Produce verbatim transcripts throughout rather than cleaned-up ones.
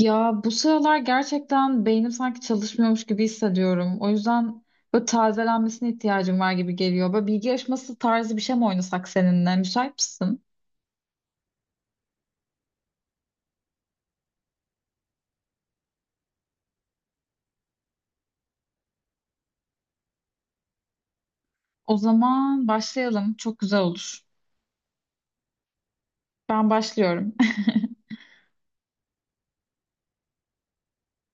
Ya bu sıralar gerçekten beynim sanki çalışmıyormuş gibi hissediyorum. O yüzden böyle tazelenmesine ihtiyacım var gibi geliyor. Böyle bilgi yarışması tarzı bir şey mi oynasak seninle? Müsait misin? O zaman başlayalım. Çok güzel olur. Ben başlıyorum.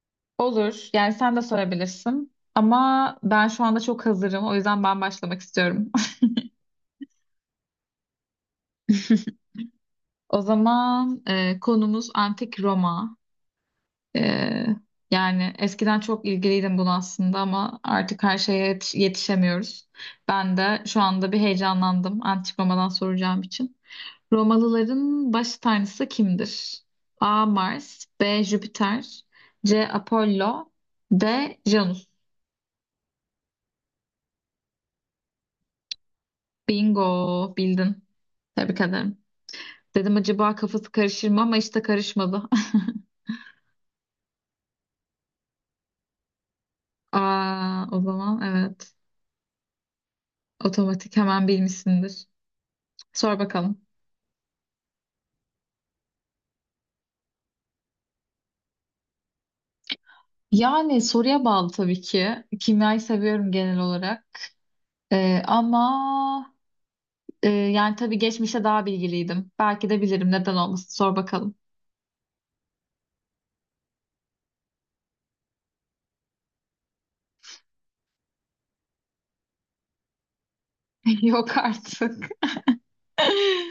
Olur. Yani sen de sorabilirsin. Ama ben şu anda çok hazırım. O yüzden ben başlamak istiyorum. O zaman e, konumuz Antik Roma. Ee, yani eskiden çok ilgiliydim buna aslında ama artık her şeye yetiş- yetişemiyoruz. Ben de şu anda bir heyecanlandım antik Roma'dan soracağım için. Romalıların baş tanrısı kimdir? A. Mars B. Jüpiter C. Apollo D. Janus Bingo bildin. Tebrik ederim. Dedim acaba kafası karışır mı ama işte karışmadı. Aa, o zaman evet otomatik hemen bilmişsindir. Sor bakalım. Yani soruya bağlı tabii ki. Kimyayı seviyorum genel olarak. Ee, ama e, yani tabii geçmişte daha bilgiliydim. Belki de bilirim neden olmasın. Sor bakalım. Yok artık.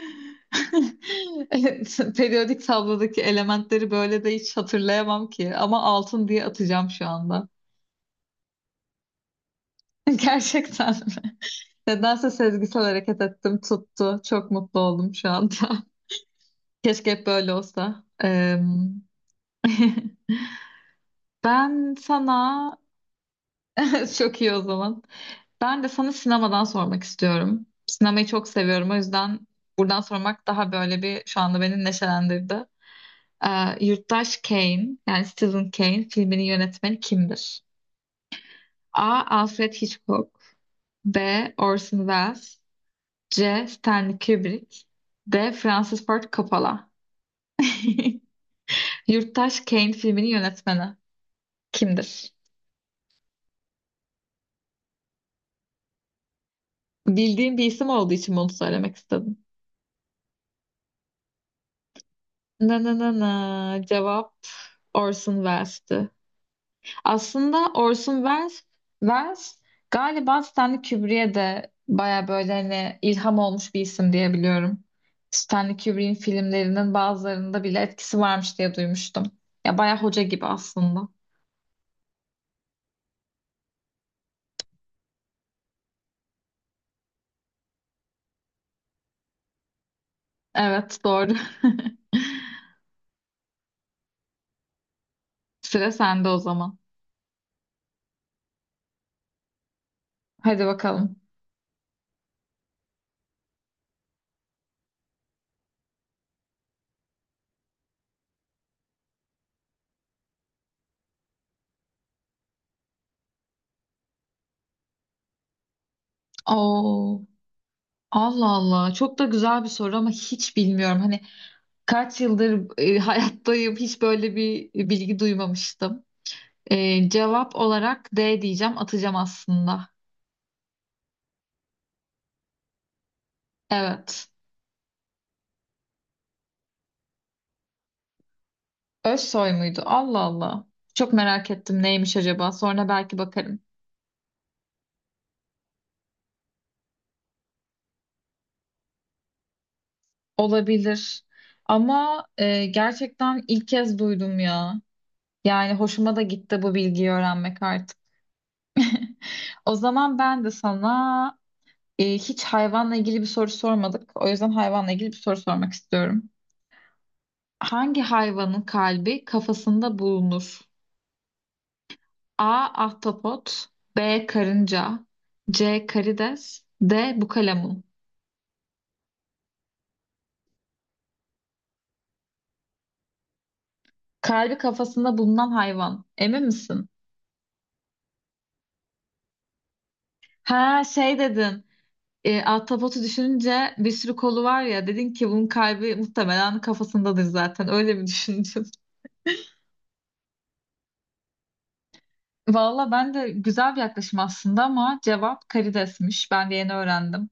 Evet, periyodik tablodaki elementleri böyle de hiç hatırlayamam ki. Ama altın diye atacağım şu anda. Gerçekten mi? Nedense sezgisel hareket ettim, tuttu. Çok mutlu oldum şu anda. Keşke hep böyle olsa. Ee, ben sana çok iyi o zaman. Ben de sana sinemadan sormak istiyorum. Sinemayı çok seviyorum. O yüzden buradan sormak daha böyle bir şu anda beni neşelendirdi. Ee, Yurttaş Kane yani Citizen Kane filminin yönetmeni kimdir? A. Alfred Hitchcock B. Orson Welles C. Stanley Kubrick D. Francis Ford Coppola Yurttaş Kane filminin yönetmeni kimdir? Bildiğim bir isim olduğu için bunu söylemek istedim. Na na na na. Cevap Orson Welles'ti. Aslında Orson Welles, Welles galiba Stanley Kubrick'e de baya böyle hani ilham olmuş bir isim diye biliyorum. Stanley Kubrick'in filmlerinin bazılarında bile etkisi varmış diye duymuştum. Ya baya hoca gibi aslında. Evet doğru. Sıra sende o zaman. Hadi bakalım. Oo, Allah Allah. Çok da güzel bir soru ama hiç bilmiyorum. Hani kaç yıldır e, hayattayım hiç böyle bir bilgi duymamıştım. E, cevap olarak D diyeceğim atacağım aslında. Evet. Özsoy muydu? Allah Allah. Çok merak ettim neymiş acaba. Sonra belki bakarım. Olabilir. Ama e, gerçekten ilk kez duydum ya. Yani hoşuma da gitti bu bilgiyi öğrenmek artık. O zaman ben de sana e, hiç hayvanla ilgili bir soru sormadık. O yüzden hayvanla ilgili bir soru sormak istiyorum. Hangi hayvanın kalbi kafasında bulunur? A. Ahtapot B. Karınca C. Karides D. Bukalemun Kalbi kafasında bulunan hayvan. Emin misin? Ha şey dedin. E, ahtapotu düşününce bir sürü kolu var ya dedin ki bunun kalbi muhtemelen kafasındadır zaten. Öyle bir düşündün? Valla ben de güzel bir yaklaşım aslında ama cevap karidesmiş. Ben de yeni öğrendim.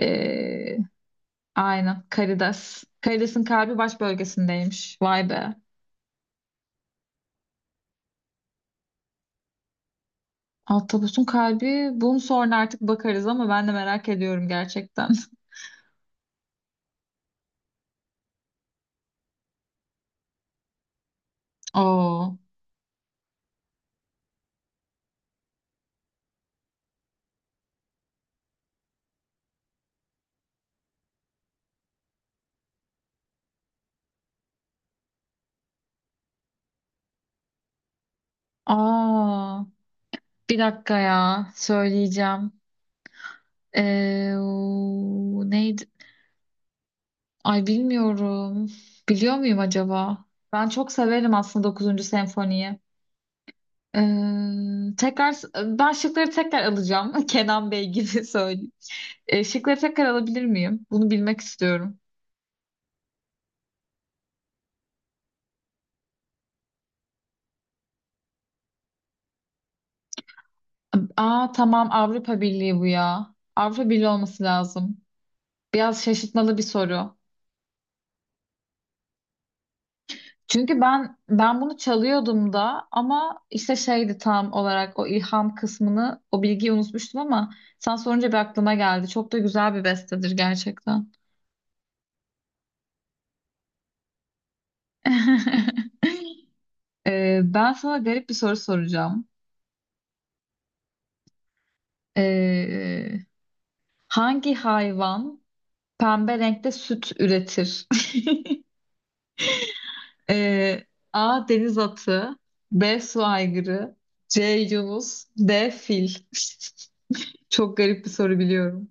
E, Aynen. Karides. Karides'in kalbi baş bölgesindeymiş. Vay be. Ahtapotun kalbi. Bunun sonra artık bakarız ama ben de merak ediyorum gerçekten. Oo. Aa. Bir dakika ya. Söyleyeceğim. Ee, o- neydi? Ay bilmiyorum. Biliyor muyum acaba? Ben çok severim aslında dokuzuncu senfoniyi. Ee, tekrar ben şıkları tekrar alacağım. Kenan Bey gibi söyleyeyim. Ee, şıkları tekrar alabilir miyim? Bunu bilmek istiyorum. Aa tamam Avrupa Birliği bu ya. Avrupa Birliği olması lazım. Biraz şaşırtmalı bir soru. Çünkü ben ben bunu çalıyordum da ama işte şeydi tam olarak o ilham kısmını o bilgiyi unutmuştum ama sen sorunca bir aklıma geldi. Çok da güzel bir bestedir gerçekten. Ee, ben sana garip bir soru soracağım. Ee, hangi hayvan pembe renkte süt üretir? Ee, A. Deniz atı. B. Su aygırı. C. Yunus. D. Fil. Çok garip bir soru biliyorum.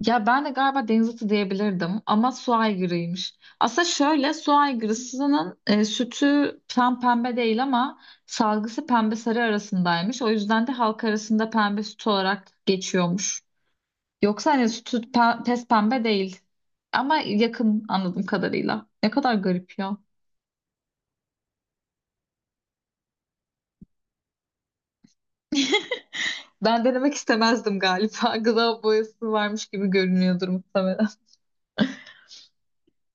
Ya ben de galiba deniz atı diyebilirdim ama su aygırıymış. Aslında şöyle su aygırısının e, sütü tam pembe değil ama salgısı pembe sarı arasındaymış. O yüzden de halk arasında pembe süt olarak geçiyormuş. Yoksa hani sütü pe- pes pembe değil ama yakın anladığım kadarıyla. Ne kadar garip ya. Ben denemek istemezdim galiba. Gıda boyası varmış gibi görünüyordur muhtemelen.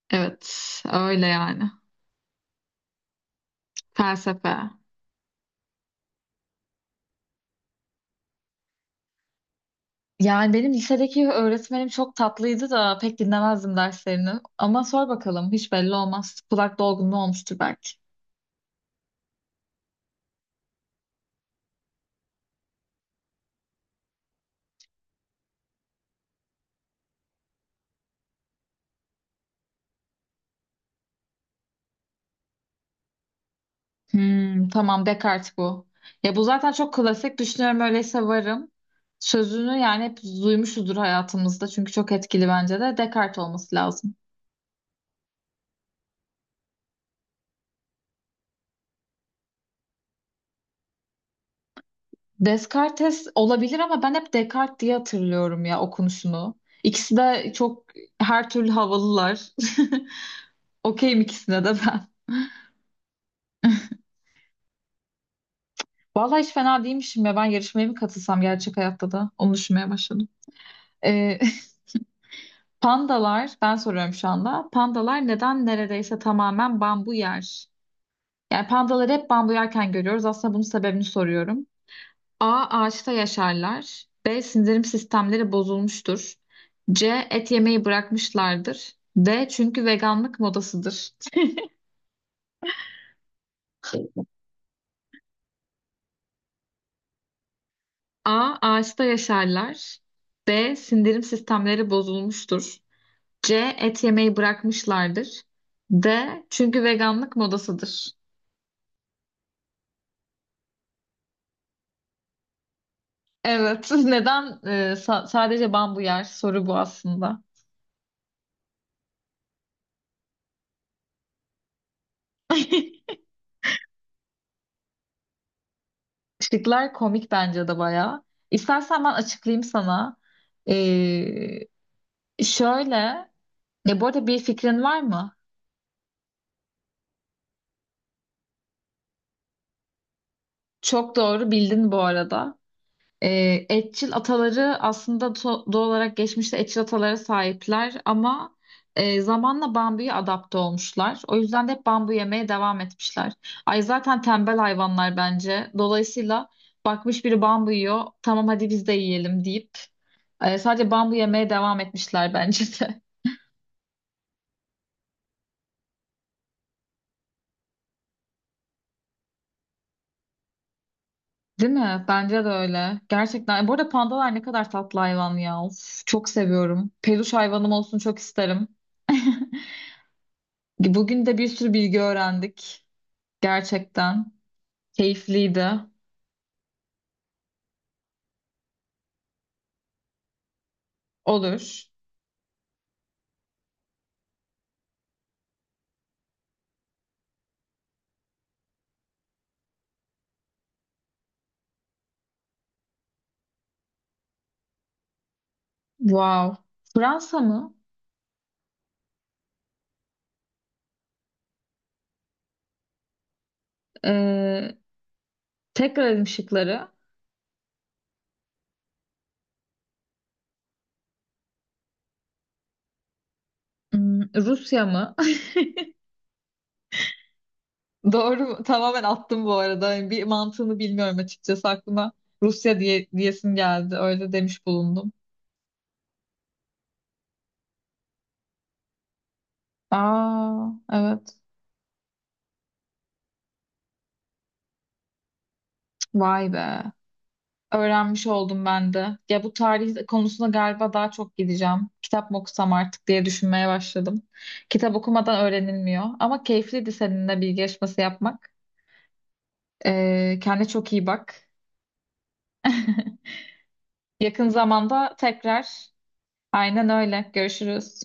Evet, öyle yani. Felsefe. Yani benim lisedeki öğretmenim çok tatlıydı da pek dinlemezdim derslerini. Ama sor bakalım hiç belli olmaz. Kulak dolgunluğu olmuştur belki. Hmm, tamam Descartes bu. Ya bu zaten çok klasik. Düşünüyorum öyleyse varım. Sözünü yani hep duymuşuzdur hayatımızda. Çünkü çok etkili bence de. Descartes olması lazım. Descartes olabilir ama ben hep Descartes diye hatırlıyorum ya okunuşunu. İkisi de çok her türlü havalılar. Okeyim ikisine de ben. Vallahi hiç fena değilmişim ya. Ben yarışmaya mı katılsam gerçek hayatta da? Onu düşünmeye başladım. Ee, Pandalar, ben soruyorum şu anda. Pandalar neden neredeyse tamamen bambu yer? Yani pandaları hep bambu yerken görüyoruz. Aslında bunun sebebini soruyorum. A. Ağaçta yaşarlar. B. Sindirim sistemleri bozulmuştur. C. Et yemeyi bırakmışlardır. D. Çünkü veganlık modasıdır. A. Ağaçta yaşarlar. B. Sindirim sistemleri bozulmuştur. C. Et yemeyi bırakmışlardır. D. Çünkü veganlık modasıdır. Evet. Neden e, sa- sadece bambu yer? Soru bu aslında. Şıklar komik bence de bayağı. İstersen ben açıklayayım sana. Şöyle, ya bu arada bir fikrin var mı? Çok doğru bildin bu arada. Ee, etçil ataları aslında to- doğal olarak geçmişte etçil atalara sahipler ama e, zamanla bambuya adapte olmuşlar. O yüzden de hep bambu yemeye devam etmişler. Ay zaten tembel hayvanlar bence. Dolayısıyla bakmış biri bambu yiyor, tamam hadi biz de yiyelim deyip e, sadece bambu yemeye devam etmişler bence de. Değil mi? Bence de öyle. Gerçekten. Bu arada pandalar ne kadar tatlı hayvan ya. Of, çok seviyorum. Peluş hayvanım olsun çok isterim. Bugün de bir sürü bilgi öğrendik. Gerçekten. Keyifliydi. Olur. Wow. Fransa mı? Ee, tekrar edeyim şıkları. Hmm, Rusya mı? Doğru. Tamamen attım bu arada. Yani bir mantığını bilmiyorum açıkçası aklıma. Rusya diye, diyesim geldi. Öyle demiş bulundum. Aa, evet. Vay be. Öğrenmiş oldum ben de. Ya bu tarih konusunda galiba daha çok gideceğim. Kitap mı okusam artık diye düşünmeye başladım. Kitap okumadan öğrenilmiyor. Ama keyifliydi seninle bilgi yarışması yapmak. Ee, kendine çok iyi bak. Yakın zamanda tekrar. Aynen öyle. Görüşürüz.